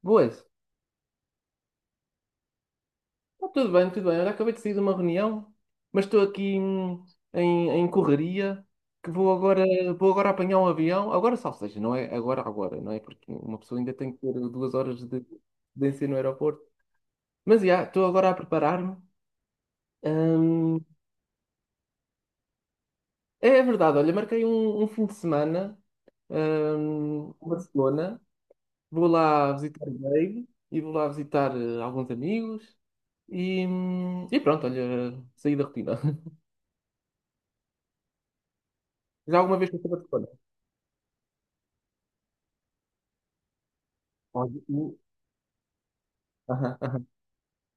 Boas. Tá tudo bem, tudo bem. Olha, acabei de sair de uma reunião, mas estou aqui em correria, que vou agora apanhar um avião. Agora só, ou seja, não é agora, agora, não é? Porque uma pessoa ainda tem que ter 2 horas de distância no aeroporto. Mas, já, estou agora a preparar-me. Hum, é verdade, olha, marquei um fim de semana, em Barcelona. Vou lá visitar o Dave e vou lá visitar alguns amigos. E pronto, olha, saí da rotina. Já alguma vez pensou para te... Olha, olha, o- aham, aham.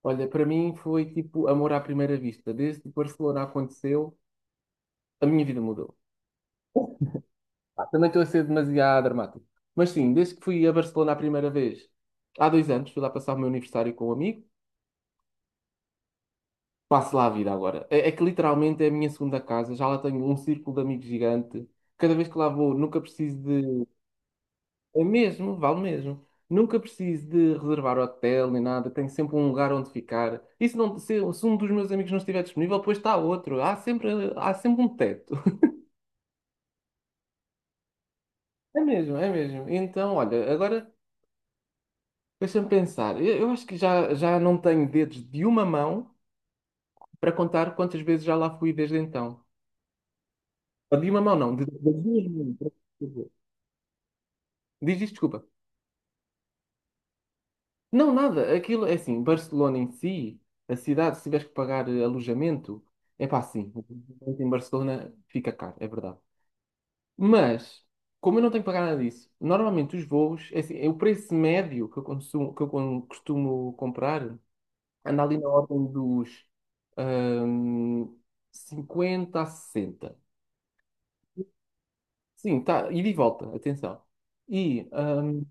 Olha, para mim foi tipo amor à primeira vista. Desde que Barcelona aconteceu, a minha vida mudou. Pá, também estou a ser demasiado dramático. Mas sim, desde que fui a Barcelona a primeira vez, há 2 anos, fui lá passar o meu aniversário com um amigo, passo lá a vida agora. É que literalmente é a minha segunda casa, já lá tenho um círculo de amigos gigante. Cada vez que lá vou, nunca preciso de... É mesmo, vale mesmo. Nunca preciso de reservar hotel nem nada, tenho sempre um lugar onde ficar. E se, não, se um dos meus amigos não estiver disponível, depois está outro. Há sempre um teto. É mesmo, é mesmo. Então, olha, agora deixa-me pensar. Eu acho que já não tenho dedos de uma mão para contar quantas vezes já lá fui desde então. Ou de uma mão, não, das duas mãos. Diz isto, desculpa. Não, nada. Aquilo é assim, Barcelona em si, a cidade, se tiveres que pagar alojamento, é pá, sim. O alojamento em Barcelona fica caro, é verdade. Mas, como eu não tenho que pagar nada disso, normalmente os voos, é assim, é o preço médio que eu consumo, costumo comprar, anda ali na ordem dos ahm, 50 a 60. Sim, tá, ida e de volta, atenção. E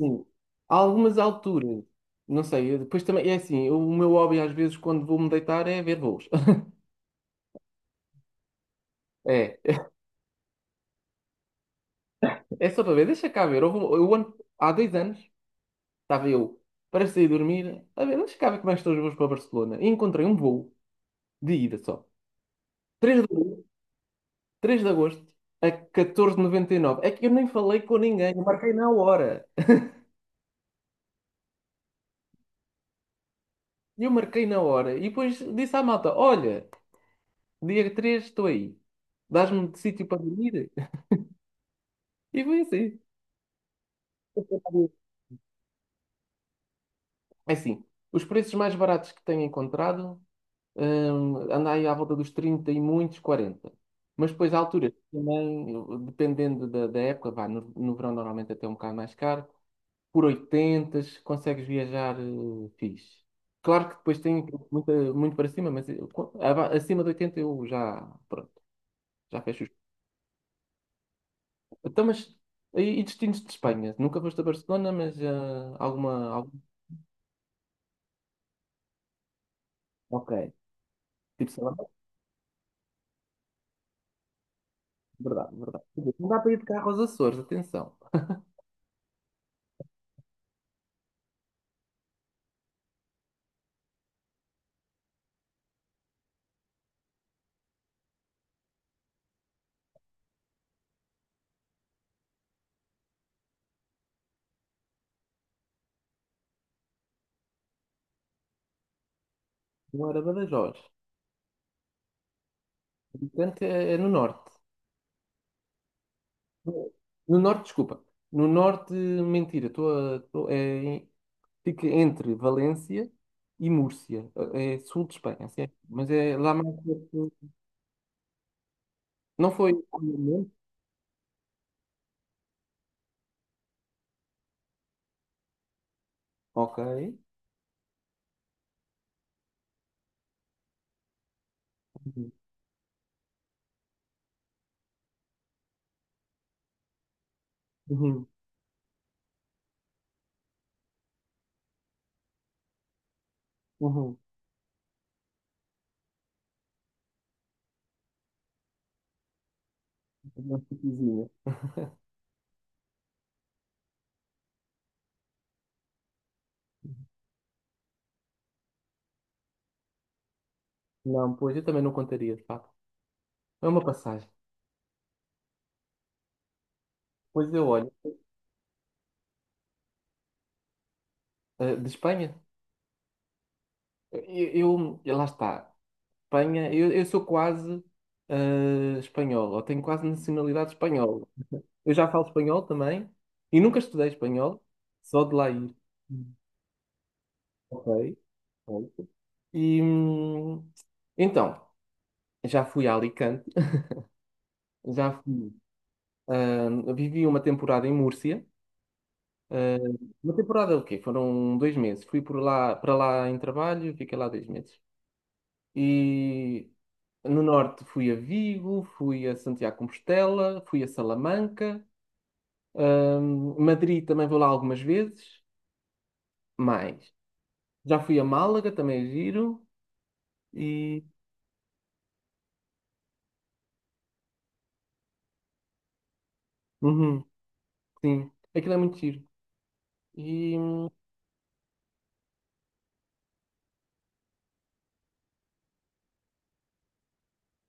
sim, há algumas alturas, não sei, eu depois também, é assim, o meu hobby às vezes quando vou-me deitar é ver voos. É, é só para ver, deixa cá ver. Há 2 anos estava eu para sair dormir, a ver, deixa cá ver como é que estão os voos para Barcelona. E encontrei um voo de ida só. 3 de, agosto- 3 de agosto a 14,99. É que eu nem falei com ninguém, eu marquei na hora. Eu marquei na hora e depois disse à malta: Olha, dia 3 estou aí, dás-me de sítio para dormir? E foi assim. É assim, os preços mais baratos que tenho encontrado, anda aí à volta dos 30 e muitos 40. Mas depois há alturas que também, dependendo da época, vá, no verão normalmente até é um bocado mais caro, por 80 consegues viajar fixe. Claro que depois tem muita, muito para cima, acima de 80 eu já, pronto, já fecho os... Então, mas, e destinos de Espanha? Nunca foste a Barcelona, mas alguma, algum... Ok. Tipo, sei lá, verdade, verdade. Quer dizer, não dá para ir de carro aos Açores, atenção. Não era Badajoz. Portanto, é no norte. No norte, desculpa. No norte, mentira. Estou a, é, fica entre Valência e Múrcia. É sul de Espanha, sim. Mas é lá mais perto. Não foi, ao momento? Ok. Uhum. Uhum. Uhum. Uma cidadezinha. Não, pois eu também não contaria, de facto. É uma passagem. Pois eu olho. De Espanha, lá está. Espanha, eu sou quase espanhol, ou tenho quase nacionalidade espanhola. Eu já falo espanhol também e nunca estudei espanhol, só de lá ir. Hum. Ok, pronto. E então, já fui a Alicante, já fui, vivi uma temporada em Múrcia. ah, uma temporada o quê? Foram 2 meses. Fui por lá, para lá em trabalho, fiquei lá 2 meses. E no norte fui a Vigo, fui a Santiago de Compostela, fui a Salamanca, Madrid também vou lá algumas vezes, mais. Já fui a Málaga, também é giro, e uhum, sim, aquilo é muito giro. E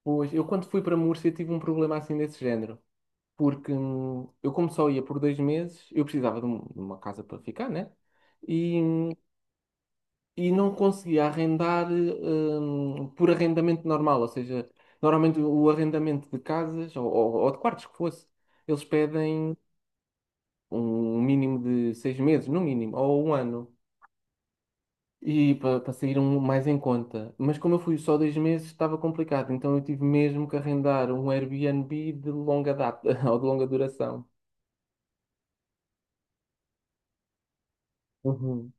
pois, eu quando fui para Múrcia tive um problema assim desse género, porque eu como só ia por 2 meses, eu precisava de uma casa para ficar, né? E, hum, e não conseguia arrendar por arrendamento normal, ou seja, normalmente o arrendamento de casas ou de quartos que fosse, eles pedem um mínimo de 6 meses, no mínimo, ou um ano, e para sair um mais em conta. Mas como eu fui só 2 meses, estava complicado, então eu tive mesmo que arrendar um Airbnb de longa data ou de longa duração. Uhum.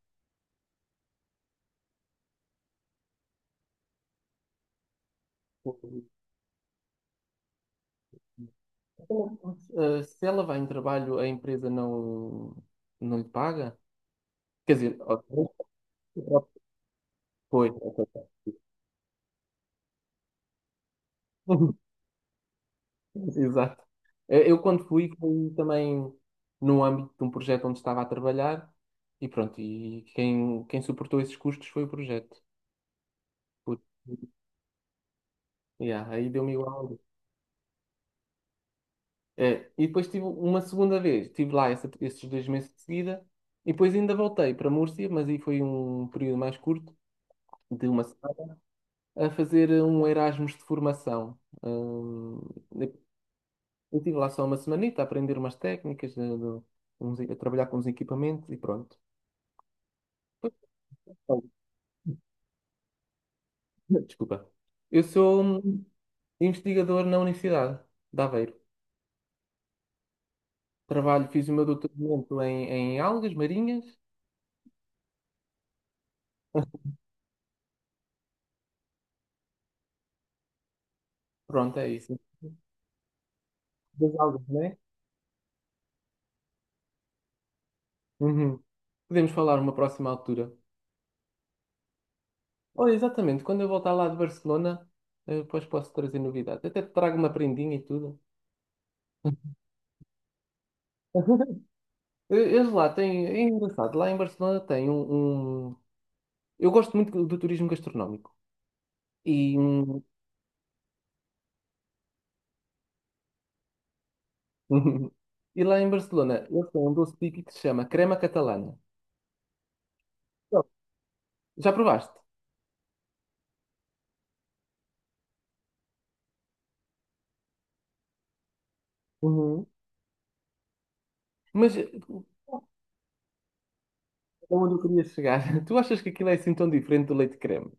Se ela vai em trabalho, a empresa não, não lhe paga? Quer dizer, ó, foi. Exato. Eu quando fui também no âmbito de um projeto onde estava a trabalhar e pronto, e quem suportou esses custos foi o projeto. Por- Yeah, aí deu-me igual. É, e depois tive uma segunda vez, esses 2 meses de seguida e depois ainda voltei para Múrcia, mas aí foi um período mais curto, de uma semana, a fazer um Erasmus de formação. Eu estive lá só uma semanita a aprender umas técnicas, a trabalhar com uns equipamentos e pronto. Oh, desculpa. Eu sou investigador na Universidade de Aveiro. Trabalho, fiz o meu doutoramento em algas marinhas. Pronto, é isso. Das algas, não é? Uhum. Podemos falar numa próxima altura. Olha, exatamente, quando eu voltar lá de Barcelona, depois posso trazer novidades. Até te trago uma prendinha e tudo. Eles lá têm, é engraçado, lá em Barcelona eu gosto muito do turismo gastronómico. E, e lá em Barcelona, eles têm um doce típico que se chama crema catalana. Não. Já provaste? Uhum. Mas aonde eu queria chegar? Tu achas que aquilo é assim tão diferente do leite creme?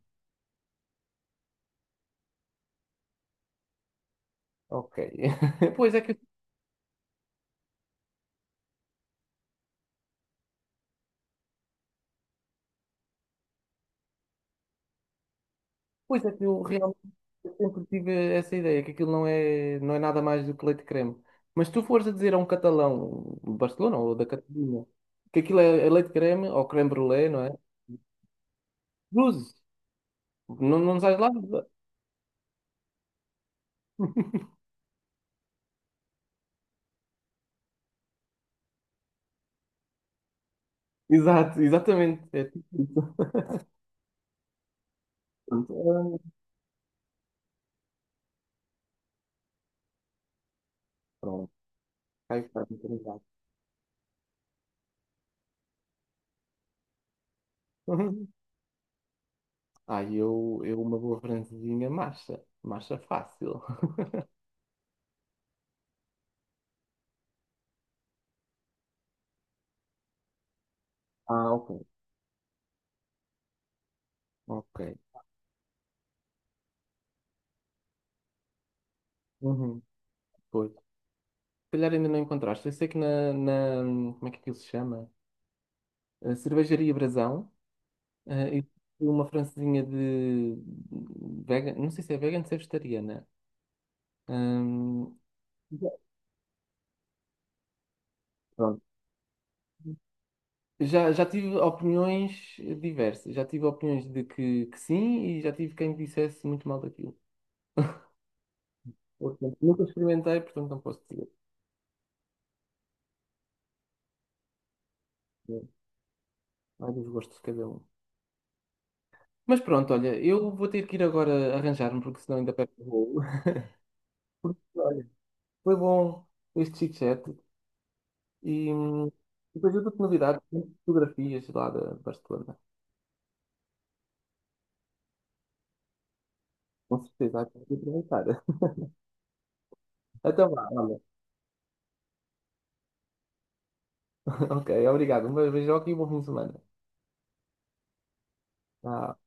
Ok. Pois é que, pois é que eu realmente sempre tive essa ideia, que aquilo não é nada mais do que leite creme. Mas se tu fores a dizer a um catalão de Barcelona ou da Catalunha que aquilo é leite creme ou creme brulee, não é? Cruzes. Não, não sais lá. Exato, exatamente. É tipo isso. Pronto, pronto. Aí está muito obrigado. Aí eu uma boa francesinha, massa massa fácil. Ah, ok. Ok. Uhum. Pois. Se calhar ainda não encontraste. Eu sei que como é que aquilo se chama? A Cervejaria Brasão. E uma francesinha de vegan. Não sei se é vegan, ou se é vegetariana. Hum, Pronto. Já tive opiniões diversas. Já tive opiniões de que sim e já tive quem dissesse muito mal daquilo. Portanto, nunca experimentei, portanto não posso dizer. É, há dos gostos de cada um. Mas pronto, olha, eu vou ter que ir agora arranjar-me, porque senão ainda perco o voo. Olha, foi bom este chit-chat e depois eu dou-te novidades, fotografias lá da Barcelona. Com certeza, vai aproveitar. Então vá, olha. Ok, obrigado. Um beijo e um bom fim de semana. Tchau.